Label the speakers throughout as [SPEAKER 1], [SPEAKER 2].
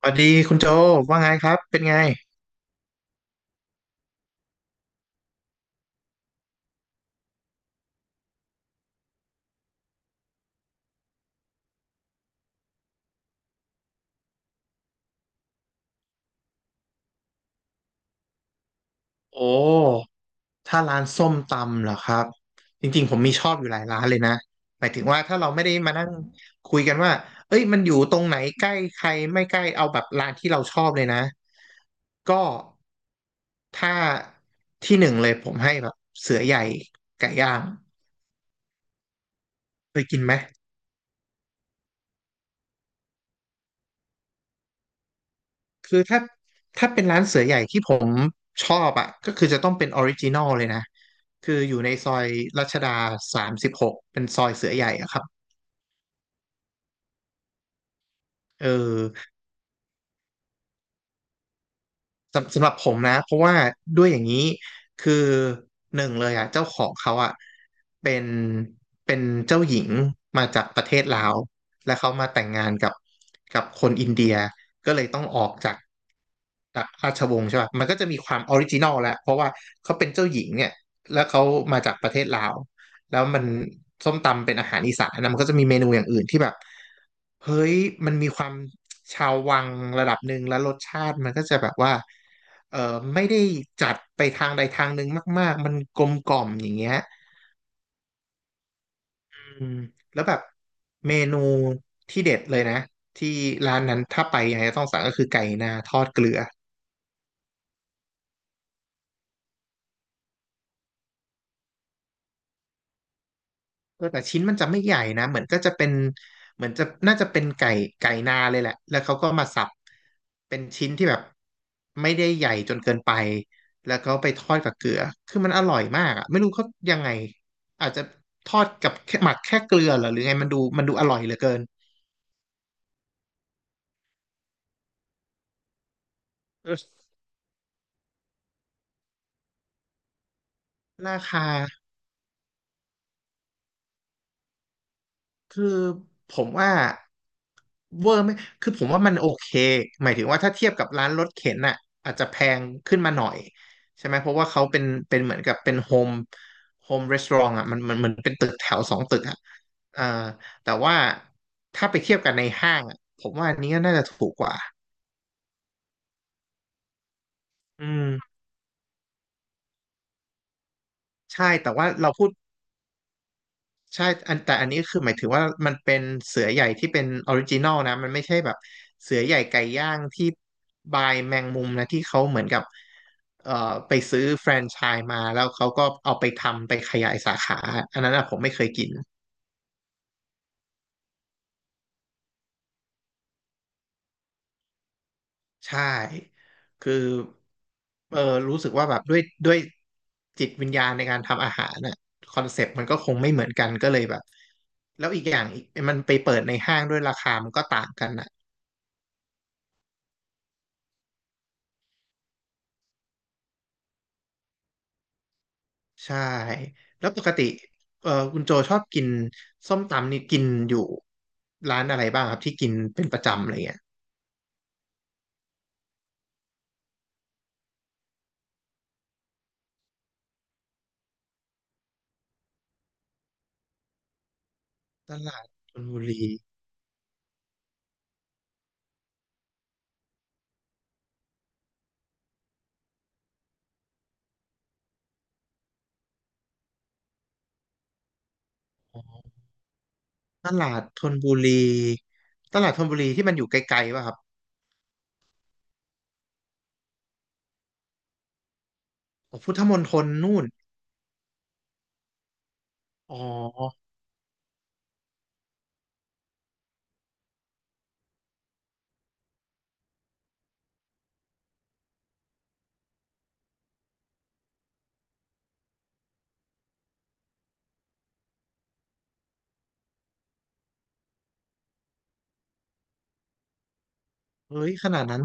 [SPEAKER 1] สวัสดีคุณโจว่าไงครับเป็นไงโอ้ถ้าร้านส้มตำเหรอครับจริงๆผมมีชอบอยู่หลายร้านเลยนะหมายถึงว่าถ้าเราไม่ได้มานั่งคุยกันว่าเอ้ยมันอยู่ตรงไหนใกล้ใครไม่ใกล้เอาแบบร้านที่เราชอบเลยนะก็ถ้าที่หนึ่งเลยผมให้แบบเสือใหญ่ไก่ย่างเคยกินไหม คือถ้าเป็นร้านเสือใหญ่ที่ผมชอบอ่ะก็คือจะต้องเป็นออริจินอลเลยนะคืออยู่ในซอยรัชดา36เป็นซอยเสือใหญ่อะครับเออ สำหรับผมนะเพราะว่าด้วยอย่างนี้คือหนึ่งเลยอ่ะเจ้าของเขาอ่ะเป็นเป็นเจ้าหญิงมาจากประเทศลาวและเขามาแต่งงานกับคนอินเดียก็เลยต้องออกจากราชวงศ์ใช่ป่ะมันก็จะมีความออริจินอลแหละเพราะว่าเขาเป็นเจ้าหญิงเนี่ยแล้วเขามาจากประเทศลาวแล้วมันส้มตำเป็นอาหารอีสานนะมันก็จะมีเมนูอย่างอื่นที่แบบ เฮ้ย มันมีความชาววังระดับหนึ่งแล้วรสชาติมันก็จะแบบว่าเออไม่ได้จัดไปทางใดทางหนึ่งมากๆ มันกลมกล่อมอย่างเงี้ยอืมแล้วแบบเมนูที่เด็ดเลยนะที่ร้านนั้นถ้าไปยังไงก็ต้องสั่งก็คือไก่นาทอดเกลือ เออแต่ชิ้นมันจะไม่ใหญ่นะเหมือนก็จะเป็นเหมือนจะน่าจะเป็นไก่ไก่นาเลยแหละแล้วเขาก็มาสับเป็นชิ้นที่แบบไม่ได้ใหญ่จนเกินไปแล้วเขาไปทอดกับเกลือคือมันอร่อยมากอ่ะไม่รู้เขายังไงอาจจะทอดกับแค่หมักแค่เกลือเหรอหรือไงมันดูอร่อยเหลือเกินเออราคา คือผมว่าเวอร์ไหมคือผมว่ามันโอเค หมายถึงว่าถ้าเทียบกับร้านรถเข็นน่ะอาจจะแพงขึ้นมาหน่อยใช่ไหมเพราะว่าเขาเป็นเหมือนกับเป็นโฮมโฮมรีสอร์ทอ่ะมันเหมอนเป็นตึกแถวสองตึกอ่ะเอ่อแต่ว่าถ้าไปเทียบกันในห้างอ่ะผมว่าอันนี้ก็น่าจะถูกกว่าอืมใช่แต่ว่าเราพูด ใช่อันแต่อันนี้คือหมายถึงว่ามันเป็นเสือใหญ่ที่เป็นออริจินอลนะมันไม่ใช่แบบเสือใหญ่ไก่ย่างที่บายแมงมุมนะที่เขาเหมือนกับเอ่อไปซื้อแฟรนไชส์มาแล้วเขาก็เอาไปทำไปขยายสาขาอันนั้นอะผมไม่เคยกินใช่คือเออรู้สึกว่าแบบด้วยจิตวิญญาณในการทำอาหารน่ะคอนเซปต์มันก็คงไม่เหมือนกันก็เลยแบบแล้วอีกอย่างอีกมันไปเปิดในห้างด้วยราคามันก็ต่างกันนะ ใช่แล้วปกติคุณโจชอบกินส้มตำนี่กินอยู่ร้านอะไรบ้างครับที่กินเป็นประจำอะไรเงี้ยตลาดธนบุรีตลาดธนบุรีตลาดธนบุรีที่มันอยู่ไกลๆป่ะครับอ๋อพุทธมณฑลนู่นอ๋อเฮ้ยขนาดนั้น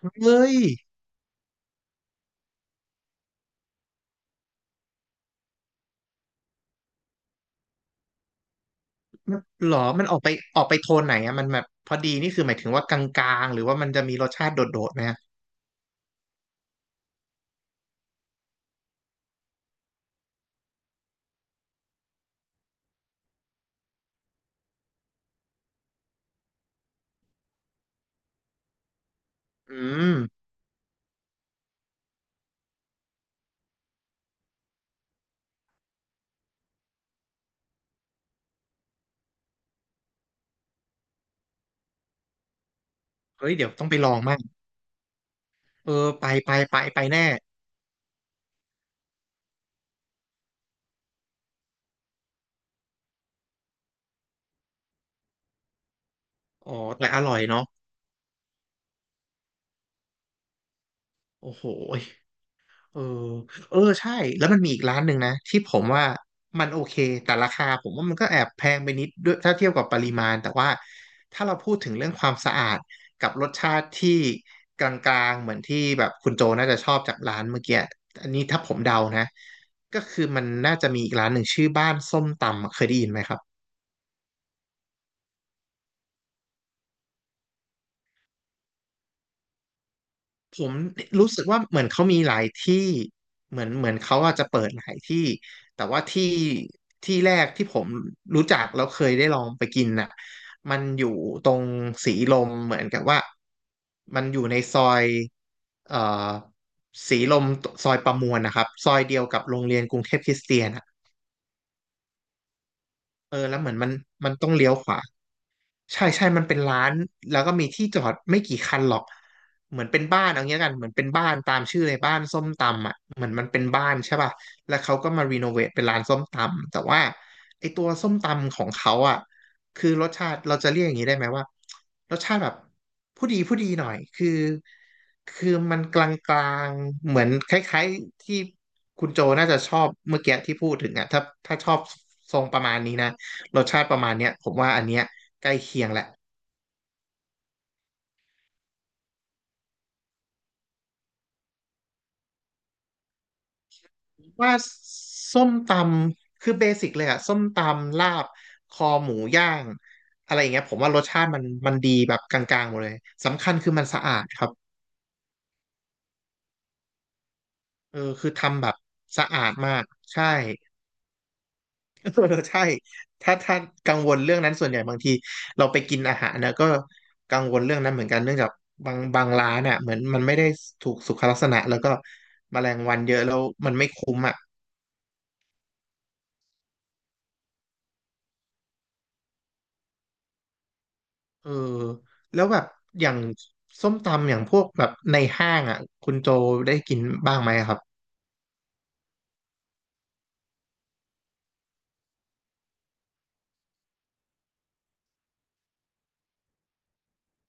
[SPEAKER 1] เฮ้ยมันหรอมันออกไปออกไปโทนไหนอะมันแบบพอดีนี่คือหมายถึงว่ากลางๆหรือว่ามันจะมีรสชาติโดดๆไหมฮะอืมเฮ้ยเดี๋ยวต้องไปลองมั่งเออไปไปไปไปแน่อ๋อแต่อร่อยเนาะ โอ้โหยเออเออใช่แล้วมันมีอีกร้านหนึ่งนะที่ผมว่ามันโอเคแต่ราคาผมว่ามันก็แอบแพงไปนิดด้วยถ้าเทียบกับปริมาณแต่ว่าถ้าเราพูดถึงเรื่องความสะอาดกับรสชาติที่กลางๆเหมือนที่แบบคุณโจน่าจะชอบจากร้านเมื่อกี้อันนี้ถ้าผมเดานะก็คือมันน่าจะมีอีกร้านหนึ่งชื่อบ้านส้มตำเคยได้ยินไหมครับ ผมรู้สึกว่าเหมือนเขามีหลายที่เหมือนเขาอาจจะเปิดหลายที่แต่ว่าที่ที่แรกที่ผมรู้จักแล้วเคยได้ลองไปกินน่ะมันอยู่ตรงสีลมเหมือนกับว่ามันอยู่ในซอยเอ่อสีลมซอยประมวลนะครับซอยเดียวกับโรงเรียนกรุงเทพคริสเตียนอ่ะเออแล้วเหมือนมันต้องเลี้ยวขวา ใช่ใช่มันเป็นร้านแล้วก็มีที่จอดไม่กี่คันหรอก เหมือนเป็นบ้านเอาเงี้ยกันเหมือนเป็นบ้านตามชื่อเลยบ้านส้มตำอ่ะเหมือนมันเป็นบ้านใช่ป่ะแล้วเขาก็มารีโนเวทเป็นร้านส้มตำแต่ว่าไอตัวส้มตำของเขาอ่ะคือรสชาติเราจะเรียกอย่างนี้ได้ไหมว่ารสชาติแบบผู้ดีหน่อยคือมันกลางๆเหมือนคล้ายๆที่คุณโจน่าจะชอบเมื่อกี้ที่พูดถึงอ่ะถ้าชอบทรงประมาณนี้นะรสชาติประมาณเนี้ยผมว่าอันเนี้ย ใกล้เคียงแหละว่าส้มตำคือเบสิกเลยอะส้มตำลาบคอหมูย่างอะไรอย่างเงี้ยผมว่ารสชาติมันดีแบบกลางๆหมดเลยสำคัญคือมันสะอาดครับเออคือทำแบบสะอาดมากใช่ เออใช่ถ้ากังวลเรื่องนั้นส่วนใหญ่บางทีเราไปกินอาหารเนะก็กังวลเรื่องนั้นเหมือนกันเนื่องจากบางร้านอ่ะเหมือนมันไม่ได้ถูกสุขลักษณะแล้วก็แมลงวันเยอะแล้วมันไม่คุ้มอ่ะ เออแล้วแบบอย่างส้มตำอย่างพวกแบบในห้างอ่ะคุณโจได้กินบ้างไหมครับ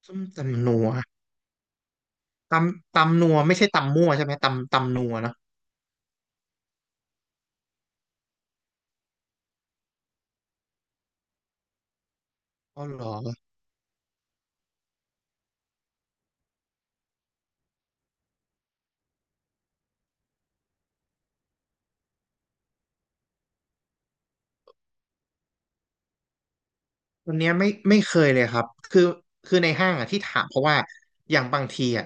[SPEAKER 1] ส้มตำนัวตำตำนัวไม่ใช่ตำมั่วใช่ไหมตำตำนัวเนอะอ๋อเหรอ วันเนี้ยไม่เคยเลยครับคือในห้างอ่ะที่ถามเพราะว่าอย่างบางทีอ่ะ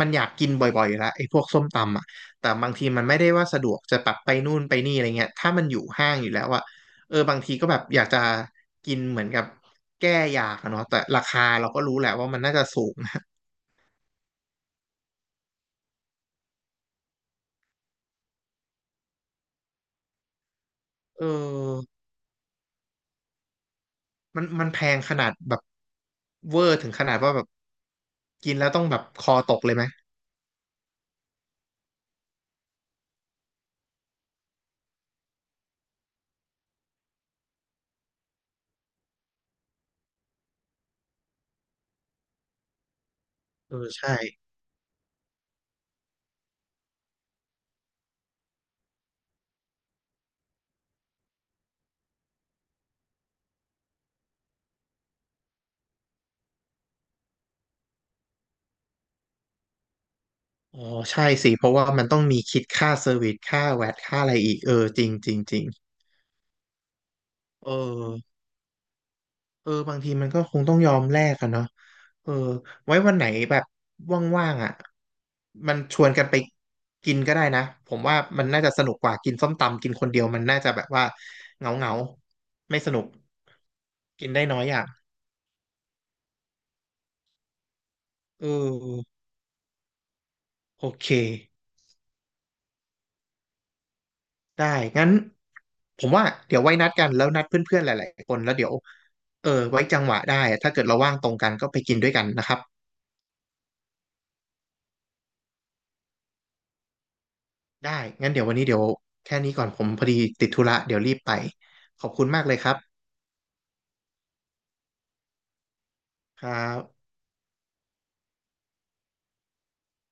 [SPEAKER 1] มันอยากกินบ่อยๆอยู่แล้วไอ้พวกส้มตำอ่ะแต่บางทีมันไม่ได้ว่าสะดวกจะแบบไปนู่นไปนี่อะไรเงี้ยถ้ามันอยู่ห้างอยู่แล้วอ่ะเออบางทีก็แบบอยากจะกินเหมือนกับแก้อยากอะเนาะแต่ราคาเราก็รู้แหละว่ามันน่าจะสูงนะเออมันแพงขนาดแบบเวอร์ถึงขนาดว่าแบบกินแล้วต้องแบบคอตกเลยไหมเออใช่ อ๋อใช่สิเพราะว่ามันต้องมีคิดค่าเซอร์วิสค่าแวตค่าอะไรอีกเออจริงจริงจริงเออบางทีมันก็คงต้องยอมแลกกันเนาะเออไว้วันไหนแบบว่างๆอ่ะมันชวนกันไปกินก็ได้นะผมว่ามันน่าจะสนุกกว่ากินส้มตำกินคนเดียวมันน่าจะแบบว่าเหงาเงาไม่สนุกกินได้น้อยอย่างเออโอเคได้งั้นผมว่าเดี๋ยวไว้นัดกันแล้วนัดเพื่อนๆหลายๆคนแล้วเดี๋ยว เออไว้จังหวะได้ถ้าเกิดเราว่างตรงกันก็ไปกินด้วยกันนะครับได้งั้นเดี๋ยววันนี้เดี๋ยวแค่นี้ก่อนผมพอดีติดธุระเดี๋ยวรีบไปขอบคุณมากเลยครับครับ